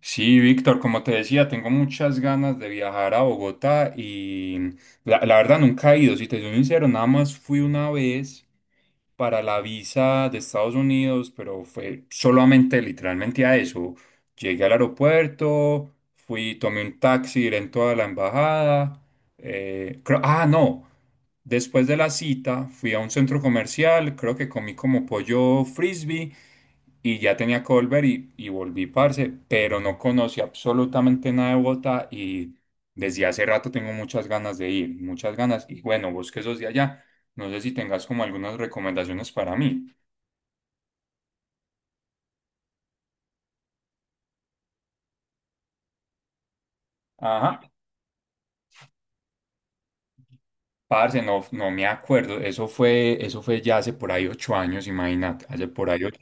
Sí, Víctor, como te decía, tengo muchas ganas de viajar a Bogotá y la verdad nunca he ido, si te soy sincero, nada más fui una vez para la visa de Estados Unidos, pero fue solamente literalmente a eso. Llegué al aeropuerto, fui, tomé un taxi directo a la embajada. No, después de la cita fui a un centro comercial, creo que comí como pollo frisbee y ya tenía que volver y volví, parce, pero no conocí absolutamente nada de Bogotá y desde hace rato tengo muchas ganas de ir, muchas ganas. Y bueno, vos que sos de allá, no sé si tengas como algunas recomendaciones para mí. Ajá. Parce, no, no me acuerdo, eso fue ya hace por ahí 8 años, imagínate, hace por ahí ocho.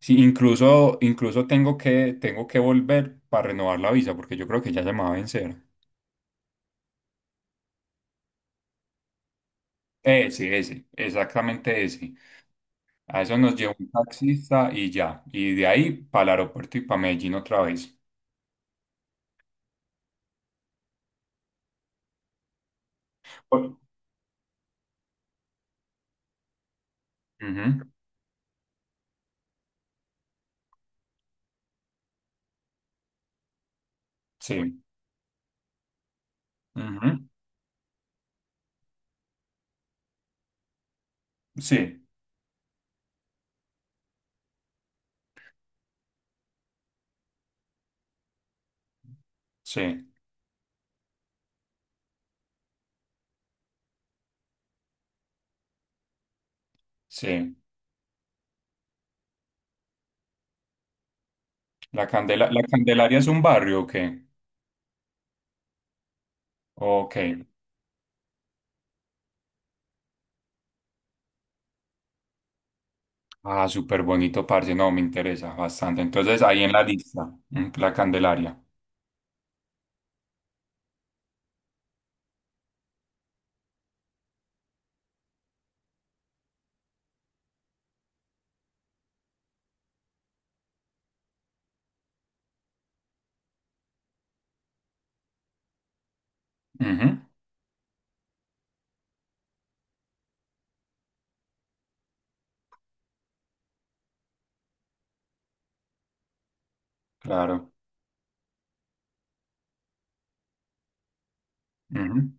Sí, incluso, incluso tengo que volver para renovar la visa, porque yo creo que ya se me va a vencer. Ese, exactamente ese. A eso nos llevó un taxista y ya. Y de ahí para el aeropuerto y para Medellín otra vez. Por- Ujú, sí, ujú, sí, sí, sí. ¿La Candelaria es un barrio o qué? Ok. Ah, súper bonito, parce. No, me interesa bastante. Entonces, ahí en la lista, mm, la Candelaria. Ujú, claro, ujú.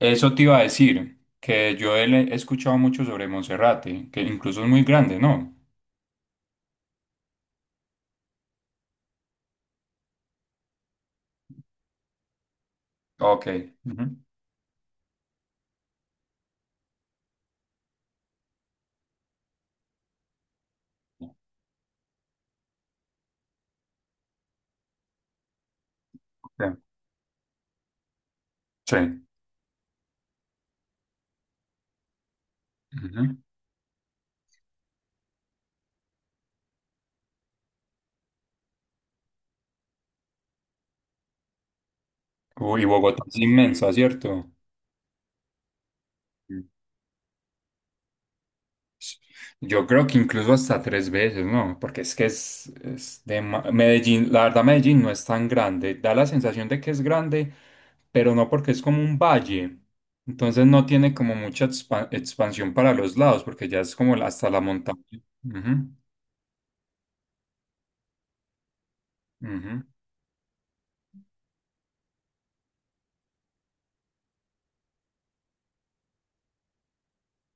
Eso te iba a decir, que he escuchado mucho sobre Monserrate, que incluso es muy grande, ¿no? Ok, ujú. Ok, sí. Ujú. Uy, Bogotá es inmensa, ¿cierto? Mm. Yo creo que incluso hasta 3 veces, ¿no? Porque es que Medellín, la verdad Medellín no es tan grande, da la sensación de que es grande, pero no porque es como un valle, entonces no tiene como mucha expansión para los lados, porque ya es como hasta la montaña. Ujú, ujú,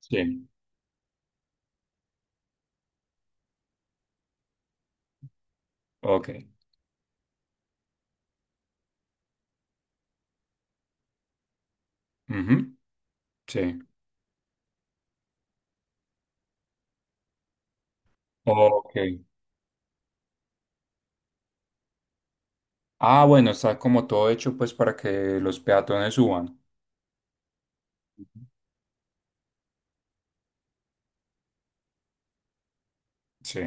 sí, ok. Ujú, sí, ok. Ah, bueno, está como todo hecho pues para que los peatones suban. Sí.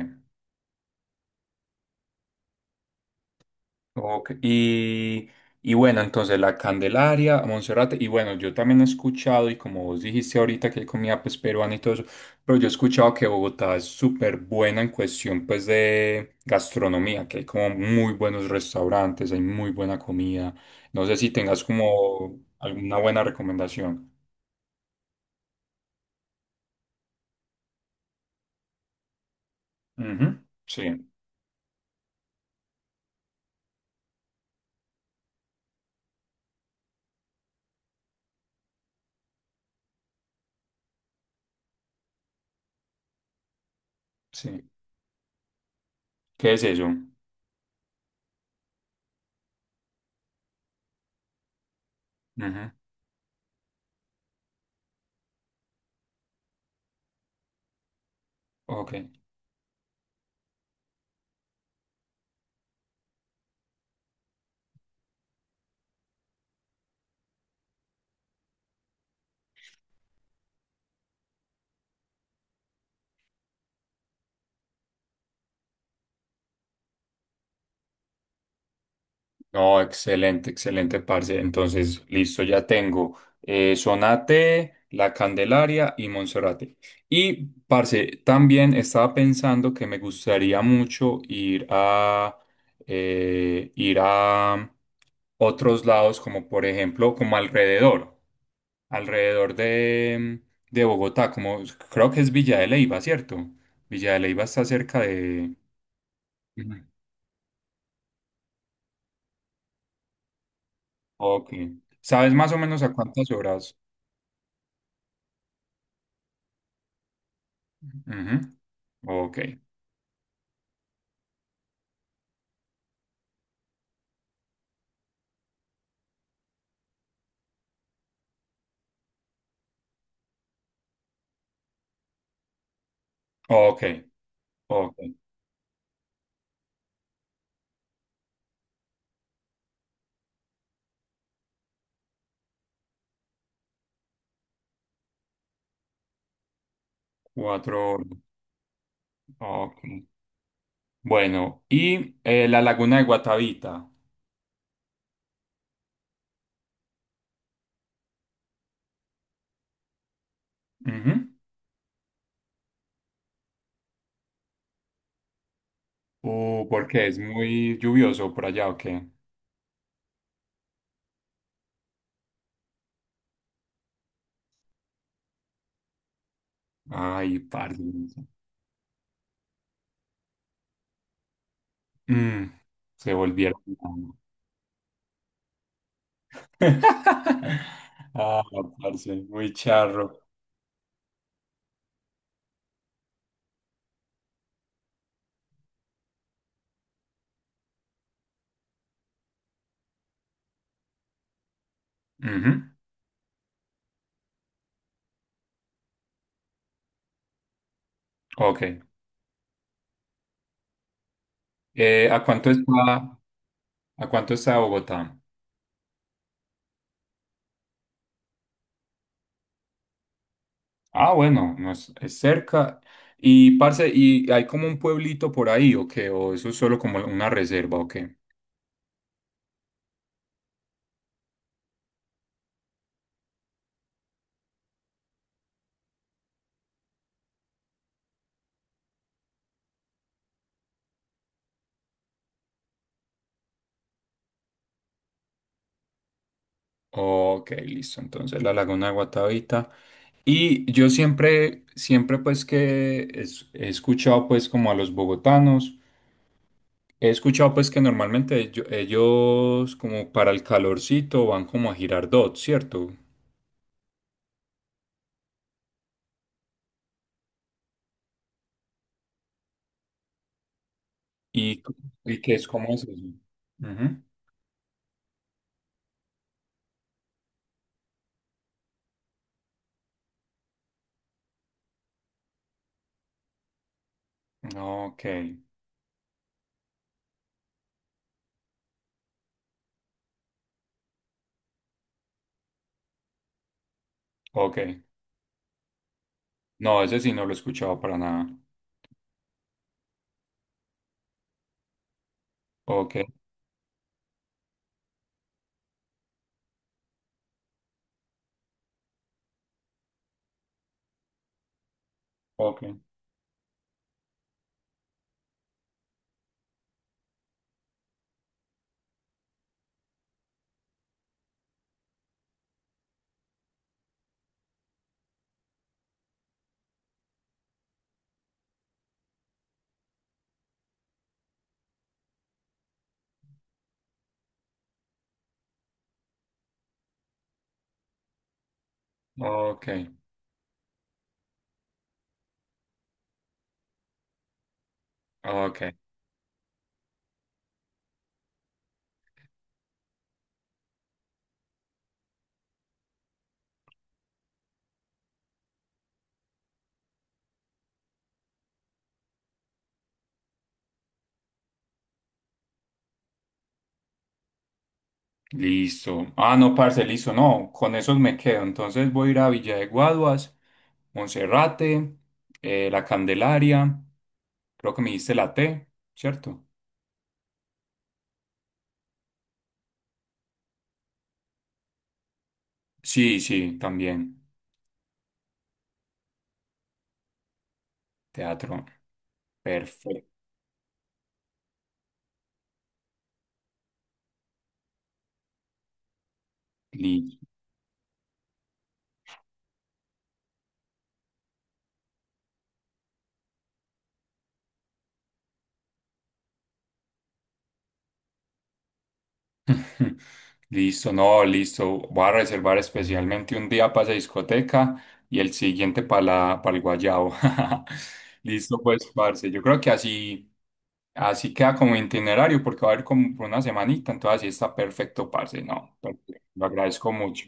Ok. Y bueno, entonces la Candelaria, Monserrate, y bueno, yo también he escuchado, y como vos dijiste ahorita que hay comida pues peruana y todo eso, pero yo he escuchado que Bogotá es súper buena en cuestión pues de gastronomía, que hay como muy buenos restaurantes, hay muy buena comida. No sé si tengas como alguna buena recomendación. Ujú, sí, sí. ¿Qué es eso? Ujú, ok. No, excelente, excelente, parce. Entonces, listo, ya tengo Sonate, La Candelaria y Monserrate. Y, parce, también estaba pensando que me gustaría mucho ir a otros lados, como por ejemplo, como alrededor, alrededor de, de Bogotá, como creo que es Villa de Leyva, ¿cierto? Villa de Leyva está cerca de... Ujú. Ok. ¿Sabes más o menos a cuántas horas? Ujú. Ok, ok, ok. 4 horas. Ok. Bueno, y la laguna de Guatavita. Ujú. ¿Por qué? ¿Es muy lluvioso por allá o qué? Ay, parce. Mm, se volvieron locos. Ah, parce, muy charro. Ujú, ok. Eh, ¿a cuánto está, ¿a cuánto está Bogotá? Ah, bueno, no es, es cerca. Y, parce, ¿y hay como un pueblito por ahí o qué? ¿O eso es solo como una reserva o qué? Ok, listo. Entonces la Laguna de Guatavita. Y yo siempre, siempre pues he escuchado pues como a los bogotanos, he escuchado pues que normalmente ellos como para el calorcito van como a Girardot, ¿cierto? Y, y que es como es eso. Ujú. Ok, ok. No, ese sí no lo he escuchado para nada. Ok, ok, ok, ok. Listo. Ah, no, parce, listo. No, con esos me quedo. Entonces voy a ir a Villa de Guaduas, Monserrate, La Candelaria. Creo que me diste la T, ¿cierto? Sí, sí, también. Teatro. Perfecto. Listo, no, listo. Voy a reservar especialmente un día para esa discoteca y el siguiente para para el guayabo. Listo, pues, parce. Yo creo que así, así queda como itinerario porque va a haber como por una semanita, entonces así está perfecto, parce. No, perfecto. Lo agradezco mucho.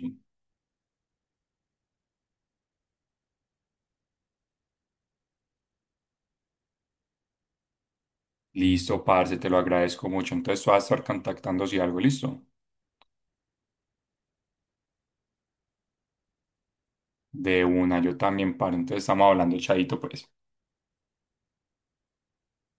Listo, parce, te lo agradezco mucho. Entonces, tú vas a estar contactando si algo, listo. De una, yo también, parce. Entonces, estamos hablando, chaito, pues.